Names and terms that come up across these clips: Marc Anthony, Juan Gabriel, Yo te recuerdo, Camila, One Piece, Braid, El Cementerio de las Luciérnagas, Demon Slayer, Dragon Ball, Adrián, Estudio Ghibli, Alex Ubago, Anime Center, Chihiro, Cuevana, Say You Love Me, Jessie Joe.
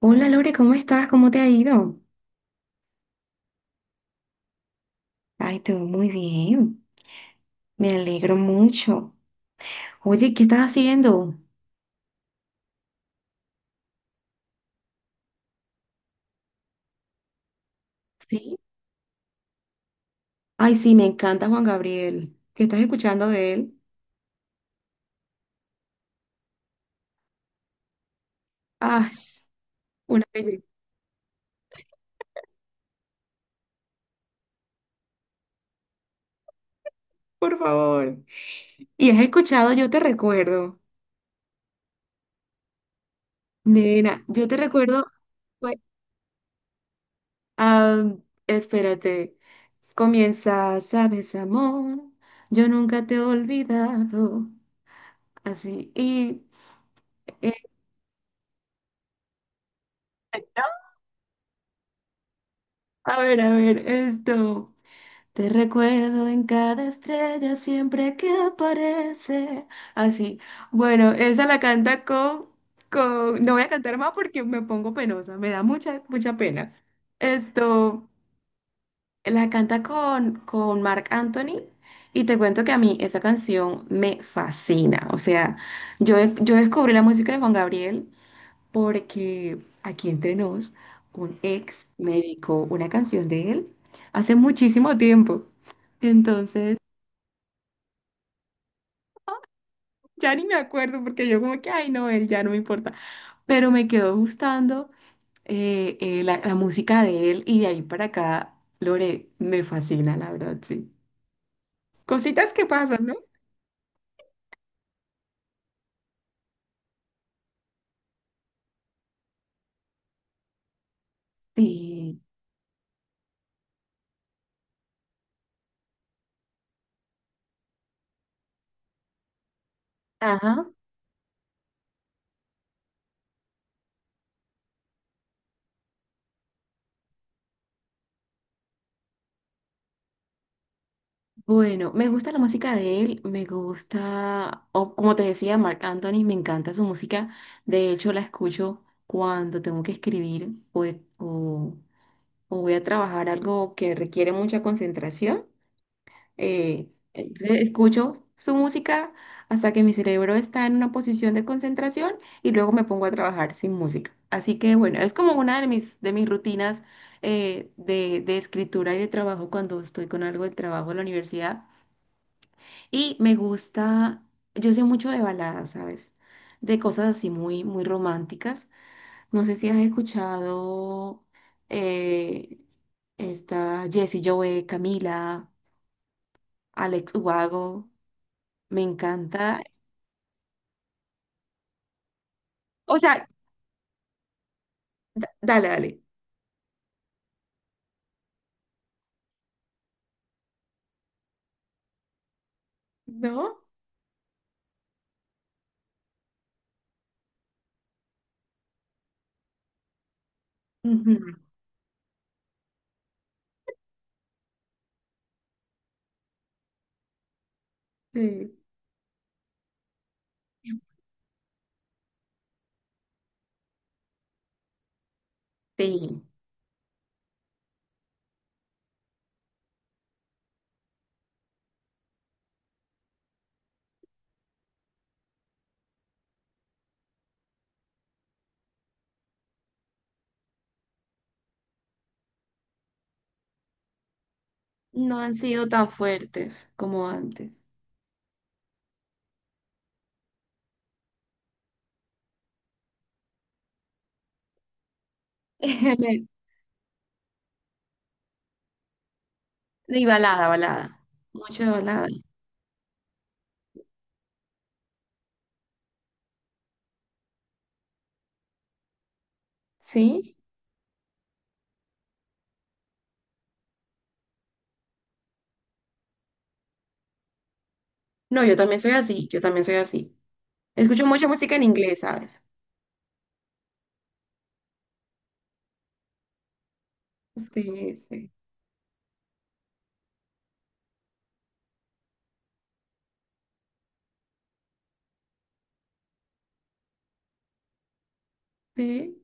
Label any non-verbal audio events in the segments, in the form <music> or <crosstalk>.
Hola Lore, ¿cómo estás? ¿Cómo te ha ido? Ay, todo muy bien. Me alegro mucho. Oye, ¿qué estás haciendo? ¿Sí? Ay, sí, me encanta Juan Gabriel. ¿Qué estás escuchando de él? Ay, una belleza, por favor. ¿Y has escuchado Yo te recuerdo? Nena, yo te recuerdo. fue- ah, Espérate. Comienza, sabes, amor. Yo nunca te he olvidado. Así. Y. eh, ¿No? A ver, a ver, esto. Te recuerdo en cada estrella siempre que aparece. Así. Bueno, esa la canta con, no voy a cantar más porque me pongo penosa. Me da mucha, mucha pena. Esto, la canta con Marc Anthony. Y te cuento que a mí esa canción me fascina. O sea, yo descubrí la música de Juan Gabriel porque, aquí entre nos, un ex me dedicó una canción de él hace muchísimo tiempo. Entonces, ya ni me acuerdo porque yo como que, ay, no, él ya no me importa. Pero me quedó gustando la música de él, y de ahí para acá, Lore, me fascina, la verdad, sí. Cositas que pasan, ¿no? Sí. Ajá. Bueno, me gusta la música de él, me gusta, o como te decía, Mark Anthony, me encanta su música. De hecho, la escucho cuando tengo que escribir o o voy a trabajar algo que requiere mucha concentración. Entonces escucho su música hasta que mi cerebro está en una posición de concentración y luego me pongo a trabajar sin música. Así que bueno, es como una de mis rutinas de escritura y de trabajo cuando estoy con algo del trabajo de la universidad. Y me gusta, yo sé mucho de baladas, ¿sabes? De cosas así muy, muy románticas. No sé si has escuchado eh, esta Jessie Joe, Camila, Alex Ubago. Me encanta. O sea, dale, dale. ¿No? Ujú. Sí. Sí, no han sido tan fuertes como antes. <laughs> Y balada, balada. Mucho de balada. ¿Sí? No, yo también soy así, yo también soy así. Escucho mucha música en inglés, ¿sabes? Sí, sí, sí,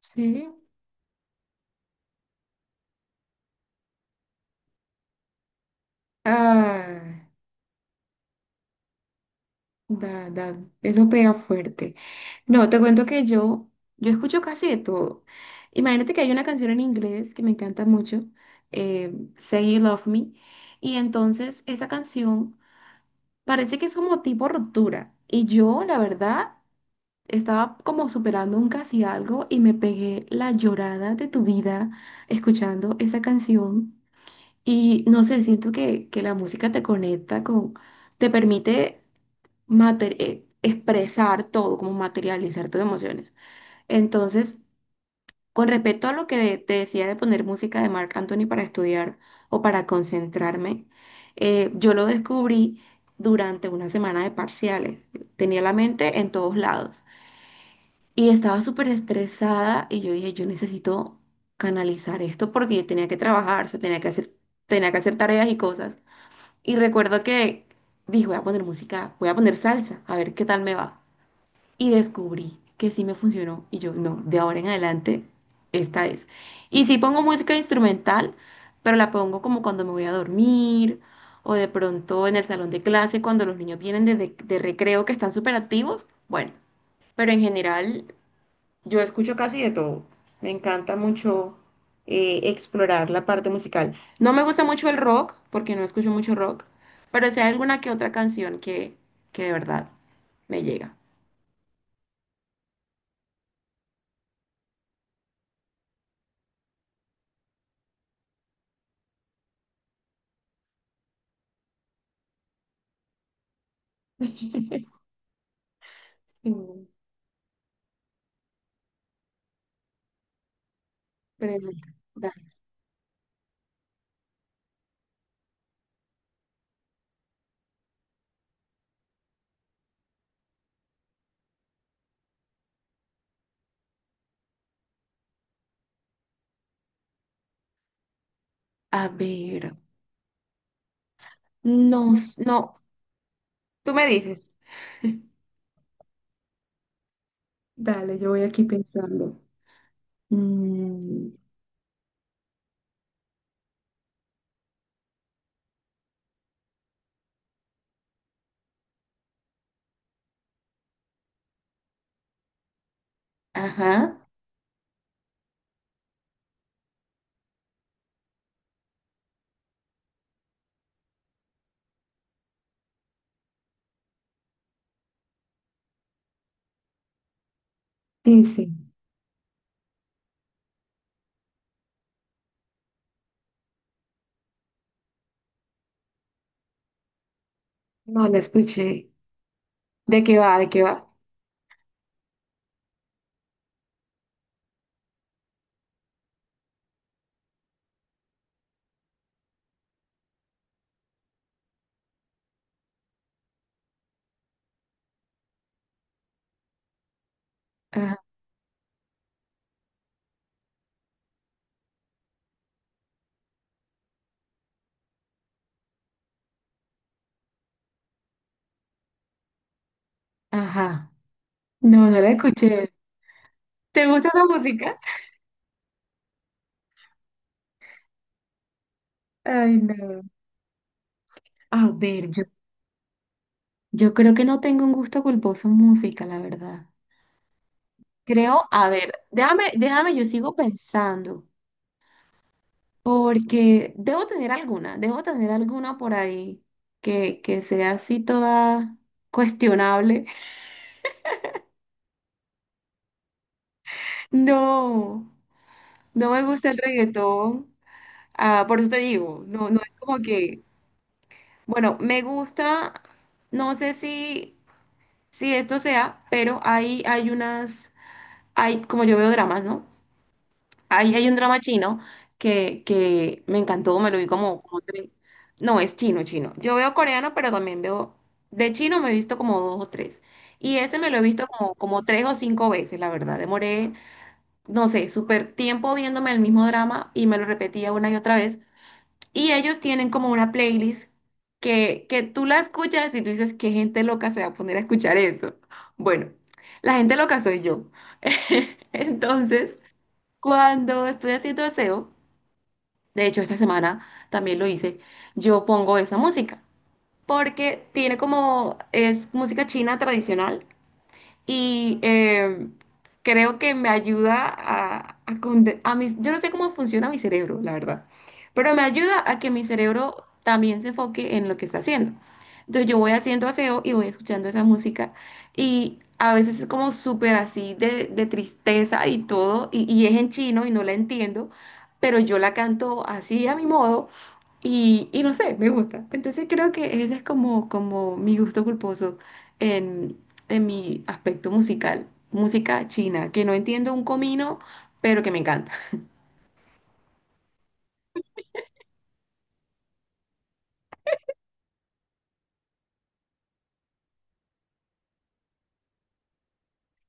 sí. Ah. Da, da, eso pega fuerte. No, te cuento que yo escucho casi de todo. Imagínate que hay una canción en inglés que me encanta mucho, Say You Love Me, y entonces esa canción parece que es como tipo ruptura. Y yo, la verdad, estaba como superando un casi algo y me pegué la llorada de tu vida escuchando esa canción. Y no sé, siento que la música te conecta con, te permite expresar todo, como materializar tus emociones. Entonces, con respecto a lo que te decía de poner música de Marc Anthony para estudiar o para concentrarme, yo lo descubrí durante una semana de parciales. Tenía la mente en todos lados y estaba súper estresada y yo dije, yo necesito canalizar esto porque yo tenía que trabajar, o sea, tenía que hacer tareas y cosas. Y recuerdo que dije, voy a poner música, voy a poner salsa, a ver qué tal me va, y descubrí que sí me funcionó y yo, no, de ahora en adelante, esta es. Y sí pongo música instrumental, pero la pongo como cuando me voy a dormir o de pronto en el salón de clase cuando los niños vienen de recreo, que están súper activos. Bueno, pero en general yo escucho casi de todo. Me encanta mucho explorar la parte musical. No me gusta mucho el rock, porque no escucho mucho rock, pero si hay alguna que otra canción que de verdad me llega. Pregunta. Dale. A ver, no, no, tú me dices. Dale, yo voy aquí pensando. Mm, ajá. Sí, sí. No la escuché. ¿De qué va? ¿De qué va? Ajá, ajá. No, no la escuché. ¿Te gusta esa música? Ay, no. A ver, yo creo que no tengo un gusto culposo en música, la verdad. Creo, a ver, déjame, déjame, yo sigo pensando. Porque debo tener alguna por ahí que sea así toda cuestionable. <laughs> No, no me gusta el reggaetón. Ah, por eso te digo, no, no es como que, bueno, me gusta, no sé si, si esto sea, pero hay unas, hay, como yo veo dramas, ¿no? Ahí hay un drama chino que me encantó, me lo vi como, como tres. No, es chino, chino. Yo veo coreano, pero también veo. De chino me he visto como dos o tres. Y ese me lo he visto como, como tres o cinco veces, la verdad. Demoré, no sé, súper tiempo viéndome el mismo drama y me lo repetía una y otra vez. Y ellos tienen como una playlist que tú la escuchas y tú dices, ¿qué gente loca se va a poner a escuchar eso? Bueno, la gente loca soy yo. <laughs> Entonces. Cuando estoy haciendo aseo, de hecho esta semana también lo hice, yo pongo esa música, porque tiene como, es música china tradicional, y creo que me ayuda a, yo no sé cómo funciona mi cerebro, la verdad, pero me ayuda a que mi cerebro también se enfoque en lo que está haciendo. Entonces yo voy haciendo aseo y voy escuchando esa música, y a veces es como súper así de tristeza y todo, y es en chino y no la entiendo, pero yo la canto así a mi modo y no sé, me gusta. Entonces creo que ese es como, como mi gusto culposo en, en mi aspecto musical. Música china, que no entiendo un comino, pero que me encanta.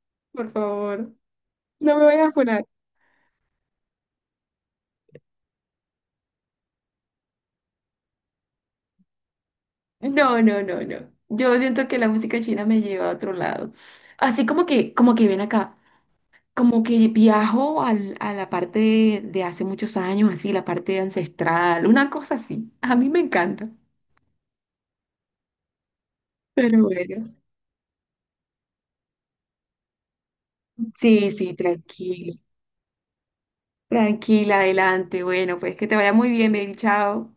<laughs> Por favor, no me vayas a funar. No, no, no, no. Yo siento que la música china me lleva a otro lado. Así como que ven acá, como que viajo a la parte de hace muchos años, así, la parte ancestral, una cosa así. A mí me encanta. Pero bueno, sí, sí, tranquilo. Tranquila, adelante. Bueno, pues que te vaya muy bien, baby. Chao.